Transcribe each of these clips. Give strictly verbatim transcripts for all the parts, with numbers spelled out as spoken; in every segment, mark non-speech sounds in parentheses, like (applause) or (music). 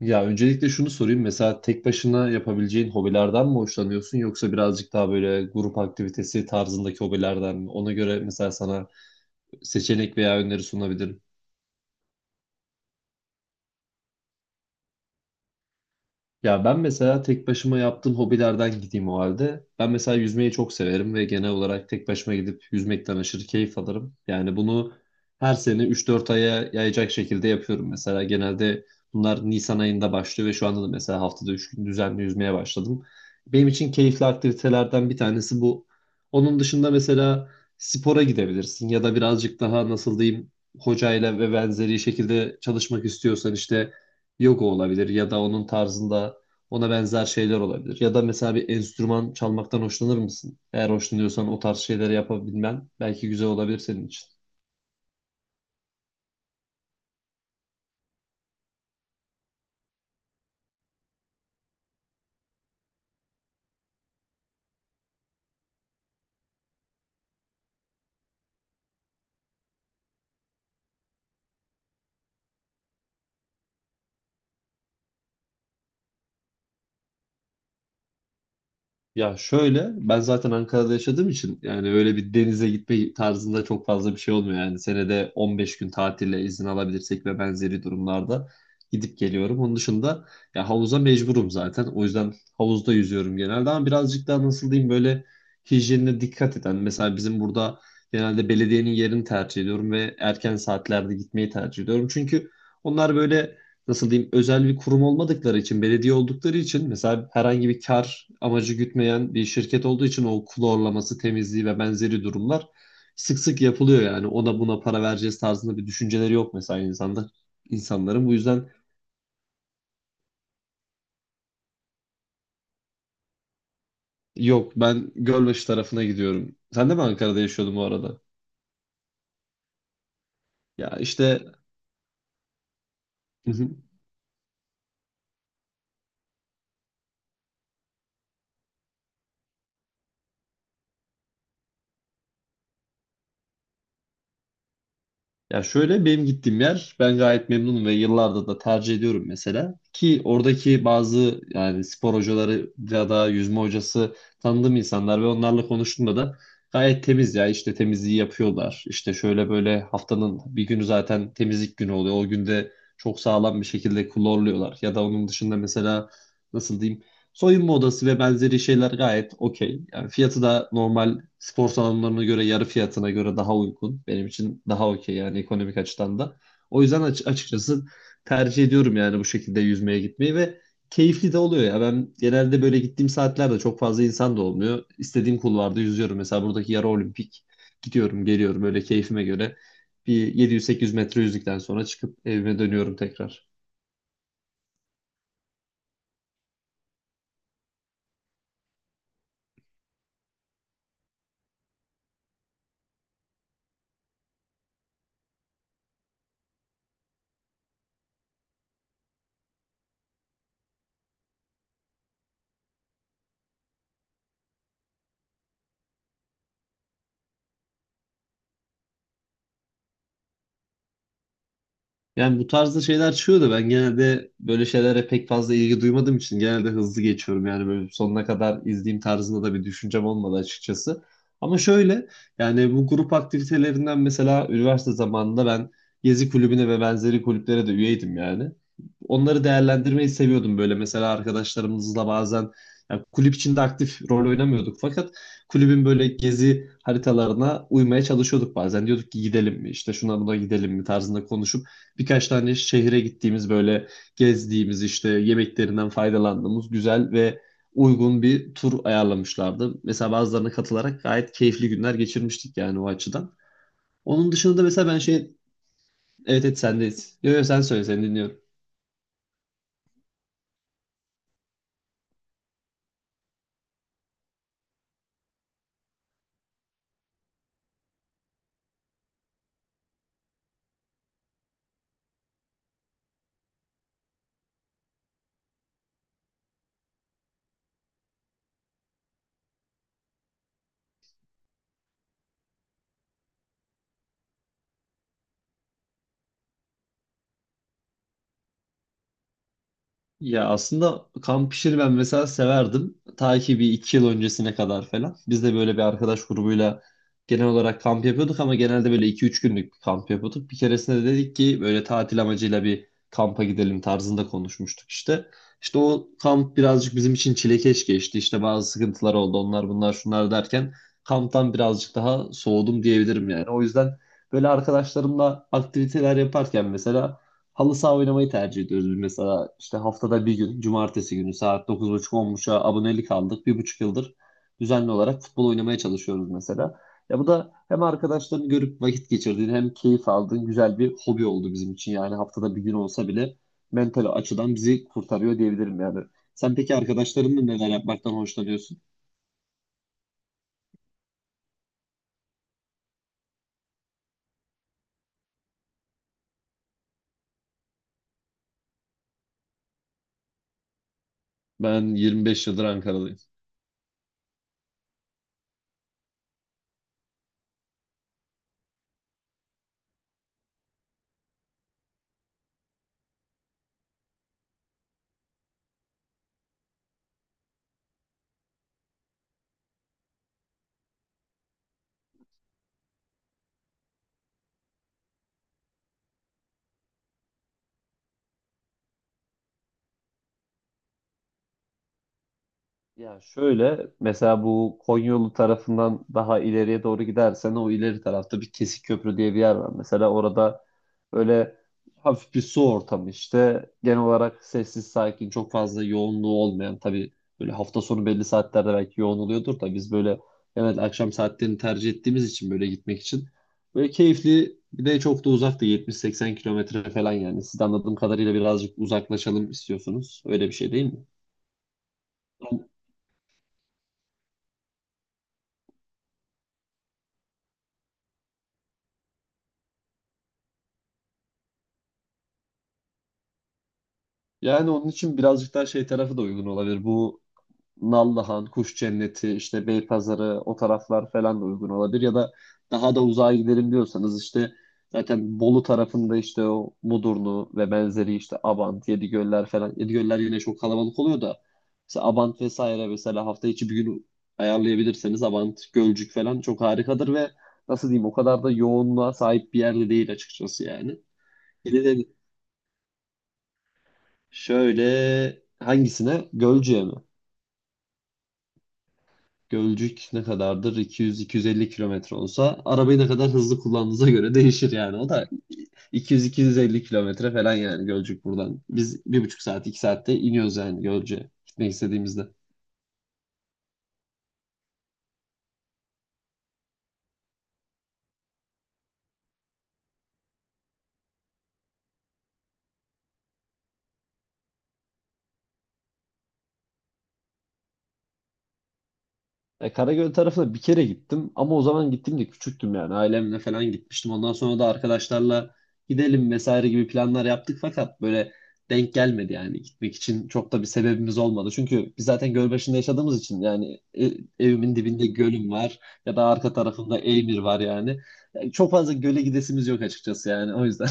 Ya öncelikle şunu sorayım. Mesela tek başına yapabileceğin hobilerden mi hoşlanıyorsun, yoksa birazcık daha böyle grup aktivitesi tarzındaki hobilerden mi? Ona göre mesela sana seçenek veya öneri sunabilirim. Ya ben mesela tek başıma yaptığım hobilerden gideyim o halde. Ben mesela yüzmeyi çok severim ve genel olarak tek başıma gidip yüzmekten aşırı keyif alırım. Yani bunu her sene üç dört aya yayacak şekilde yapıyorum mesela. Genelde bunlar Nisan ayında başlıyor ve şu anda da mesela haftada üç gün düzenli yüzmeye başladım. Benim için keyifli aktivitelerden bir tanesi bu. Onun dışında mesela spora gidebilirsin, ya da birazcık daha, nasıl diyeyim, hocayla ve benzeri şekilde çalışmak istiyorsan işte yoga olabilir, ya da onun tarzında ona benzer şeyler olabilir. Ya da mesela bir enstrüman çalmaktan hoşlanır mısın? Eğer hoşlanıyorsan, o tarz şeyleri yapabilmen belki güzel olabilir senin için. Ya şöyle, ben zaten Ankara'da yaşadığım için yani öyle bir denize gitme tarzında çok fazla bir şey olmuyor. Yani senede on beş gün tatile izin alabilirsek ve benzeri durumlarda gidip geliyorum. Onun dışında ya havuza mecburum zaten. O yüzden havuzda yüzüyorum genelde, ama birazcık daha, nasıl diyeyim, böyle hijyenine dikkat eden. Mesela bizim burada genelde belediyenin yerini tercih ediyorum ve erken saatlerde gitmeyi tercih ediyorum. Çünkü onlar böyle, nasıl diyeyim, özel bir kurum olmadıkları için, belediye oldukları için, mesela herhangi bir kar amacı gütmeyen bir şirket olduğu için o klorlaması, temizliği ve benzeri durumlar sık sık yapılıyor yani. Ona buna para vereceğiz tarzında bir düşünceleri yok mesela insanlar, insanların. Bu yüzden... Yok, ben Gölbaşı tarafına gidiyorum. Sen de mi Ankara'da yaşıyordun bu arada? Ya işte... (laughs) Ya şöyle, benim gittiğim yer, ben gayet memnunum ve yıllardır da tercih ediyorum mesela. Ki oradaki bazı yani spor hocaları ya da yüzme hocası tanıdığım insanlar ve onlarla konuştuğumda da gayet temiz, ya işte temizliği yapıyorlar. İşte şöyle böyle haftanın bir günü zaten temizlik günü oluyor. O günde çok sağlam bir şekilde klorluyorlar. Ya da onun dışında, mesela, nasıl diyeyim, soyunma odası ve benzeri şeyler gayet okey. Yani fiyatı da normal spor salonlarına göre yarı fiyatına göre daha uygun. Benim için daha okey yani, ekonomik açıdan da. O yüzden aç- açıkçası tercih ediyorum yani bu şekilde yüzmeye gitmeyi ve keyifli de oluyor ya. Ben genelde böyle gittiğim saatlerde çok fazla insan da olmuyor. İstediğim kulvarda yüzüyorum. Mesela buradaki yarı olimpik, gidiyorum, geliyorum öyle keyfime göre. Bir yedi yüz sekiz yüz metre yüzdükten sonra çıkıp evime dönüyorum tekrar. Yani bu tarzda şeyler çıkıyor da ben genelde böyle şeylere pek fazla ilgi duymadığım için genelde hızlı geçiyorum. Yani böyle sonuna kadar izleyeyim tarzında da bir düşüncem olmadı açıkçası. Ama şöyle, yani bu grup aktivitelerinden mesela üniversite zamanında ben gezi kulübüne ve benzeri kulüplere de üyeydim yani. Onları değerlendirmeyi seviyordum. Böyle mesela arkadaşlarımızla bazen, yani kulüp içinde aktif rol oynamıyorduk, fakat kulübün böyle gezi haritalarına uymaya çalışıyorduk bazen. Diyorduk ki gidelim mi, işte şuna buna gidelim mi tarzında konuşup birkaç tane şehre gittiğimiz, böyle gezdiğimiz, işte yemeklerinden faydalandığımız güzel ve uygun bir tur ayarlamışlardı. Mesela bazılarına katılarak gayet keyifli günler geçirmiştik yani, o açıdan. Onun dışında da mesela ben şey... Evet evet, sendeyiz. Yo yo, sen söyle, seni dinliyorum. Ya aslında kamp işini ben mesela severdim. Ta ki bir iki yıl öncesine kadar falan. Biz de böyle bir arkadaş grubuyla genel olarak kamp yapıyorduk, ama genelde böyle iki üç günlük bir kamp yapıyorduk. Bir keresinde de dedik ki böyle tatil amacıyla bir kampa gidelim tarzında konuşmuştuk işte. İşte o kamp birazcık bizim için çilekeş geçti. İşte bazı sıkıntılar oldu, onlar bunlar şunlar derken kamptan birazcık daha soğudum diyebilirim yani. O yüzden böyle arkadaşlarımla aktiviteler yaparken mesela halı saha oynamayı tercih ediyoruz biz mesela. İşte haftada bir gün, cumartesi günü saat dokuz buçuk, on, 1030a abonelik aldık. Bir buçuk yıldır düzenli olarak futbol oynamaya çalışıyoruz mesela. Ya bu da hem arkadaşlarını görüp vakit geçirdiğin, hem keyif aldığın güzel bir hobi oldu bizim için. Yani haftada bir gün olsa bile mental açıdan bizi kurtarıyor diyebilirim yani. Sen peki arkadaşlarınla neler yapmaktan hoşlanıyorsun? Ben yirmi beş yıldır Ankara'dayım. Ya şöyle, mesela bu Konyolu tarafından daha ileriye doğru gidersen, o ileri tarafta bir Kesik Köprü diye bir yer var. Mesela orada böyle hafif bir su ortamı, işte genel olarak sessiz sakin, çok fazla yoğunluğu olmayan, tabii böyle hafta sonu belli saatlerde belki yoğun oluyordur da, biz böyle genelde akşam saatlerini tercih ettiğimiz için böyle gitmek için böyle keyifli, bir de çok da uzak da, yetmiş seksen kilometre falan yani. Siz de anladığım kadarıyla birazcık uzaklaşalım istiyorsunuz, öyle bir şey değil mi? Yani onun için birazcık daha şey tarafı da uygun olabilir. Bu Nallıhan, Kuş Cenneti, işte Beypazarı, o taraflar falan da uygun olabilir. Ya da daha da uzağa gidelim diyorsanız işte zaten Bolu tarafında işte o Mudurnu ve benzeri, işte Abant, Yedigöller falan. Yedigöller yine çok kalabalık oluyor da, mesela Abant vesaire, mesela hafta içi bir gün ayarlayabilirseniz Abant, Gölcük falan çok harikadır ve, nasıl diyeyim, o kadar da yoğunluğa sahip bir yerde değil açıkçası yani. Şöyle, hangisine? Gölcük'e mi? Gölcük ne kadardır? iki yüz iki yüz elli kilometre olsa arabayı ne kadar hızlı kullandığınıza göre değişir yani. O da iki yüz iki yüz elli kilometre falan yani Gölcük buradan. Biz bir buçuk saat, iki saatte iniyoruz yani Gölcük'e gitmek istediğimizde. E, Karagöl tarafına bir kere gittim, ama o zaman gittim de küçüktüm yani, ailemle falan gitmiştim. Ondan sonra da arkadaşlarla gidelim vesaire gibi planlar yaptık, fakat böyle denk gelmedi yani, gitmek için çok da bir sebebimiz olmadı. Çünkü biz zaten göl başında yaşadığımız için yani, e, evimin dibinde gölüm var, ya da arka tarafımda Eymir var yani. Yani çok fazla göle gidesimiz yok açıkçası yani, o yüzden.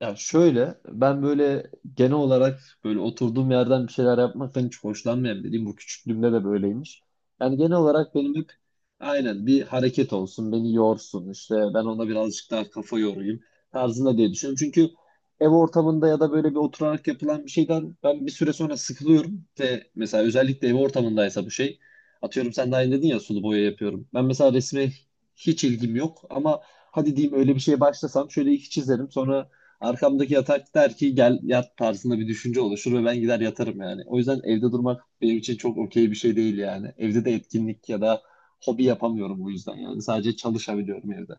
Ya şöyle, ben böyle genel olarak böyle oturduğum yerden bir şeyler yapmaktan hiç hoşlanmayan biriyim. Bu küçüklüğümde de böyleymiş. Yani genel olarak benim hep, aynen, bir hareket olsun, beni yorsun, işte ben ona birazcık daha kafa yorayım tarzında diye düşünüyorum. Çünkü ev ortamında ya da böyle bir oturarak yapılan bir şeyden ben bir süre sonra sıkılıyorum ve mesela özellikle ev ortamındaysa, bu şey, atıyorum sen de aynı dedin ya, sulu boya yapıyorum. Ben mesela resme hiç ilgim yok, ama hadi diyeyim öyle bir şeye başlasam şöyle iki çizerim, sonra arkamdaki yatak der ki gel yat tarzında bir düşünce oluşur ve ben gider yatarım yani. O yüzden evde durmak benim için çok okey bir şey değil yani. Evde de etkinlik ya da hobi yapamıyorum bu yüzden yani. Sadece çalışabiliyorum evde.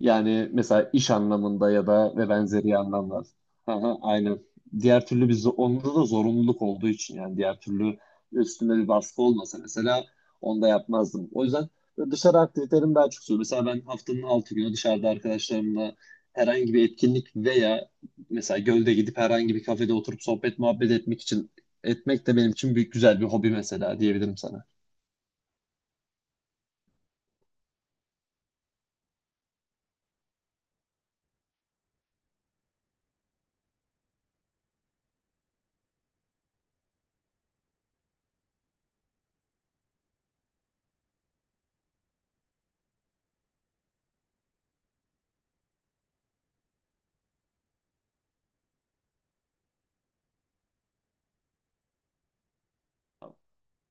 Yani mesela iş anlamında ya da ve benzeri anlamlar. Aha, aynen. Diğer türlü biz, onda da zorunluluk olduğu için yani, diğer türlü üstüme bir baskı olmasa mesela onu da yapmazdım. O yüzden dışarı aktivitelerim daha çok oluyor. Mesela ben haftanın altı günü dışarıda arkadaşlarımla herhangi bir etkinlik, veya mesela gölde gidip herhangi bir kafede oturup sohbet muhabbet etmek için etmek de benim için büyük güzel bir hobi mesela, diyebilirim sana.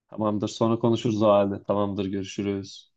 Tamamdır, sonra konuşuruz o halde. Tamamdır, görüşürüz.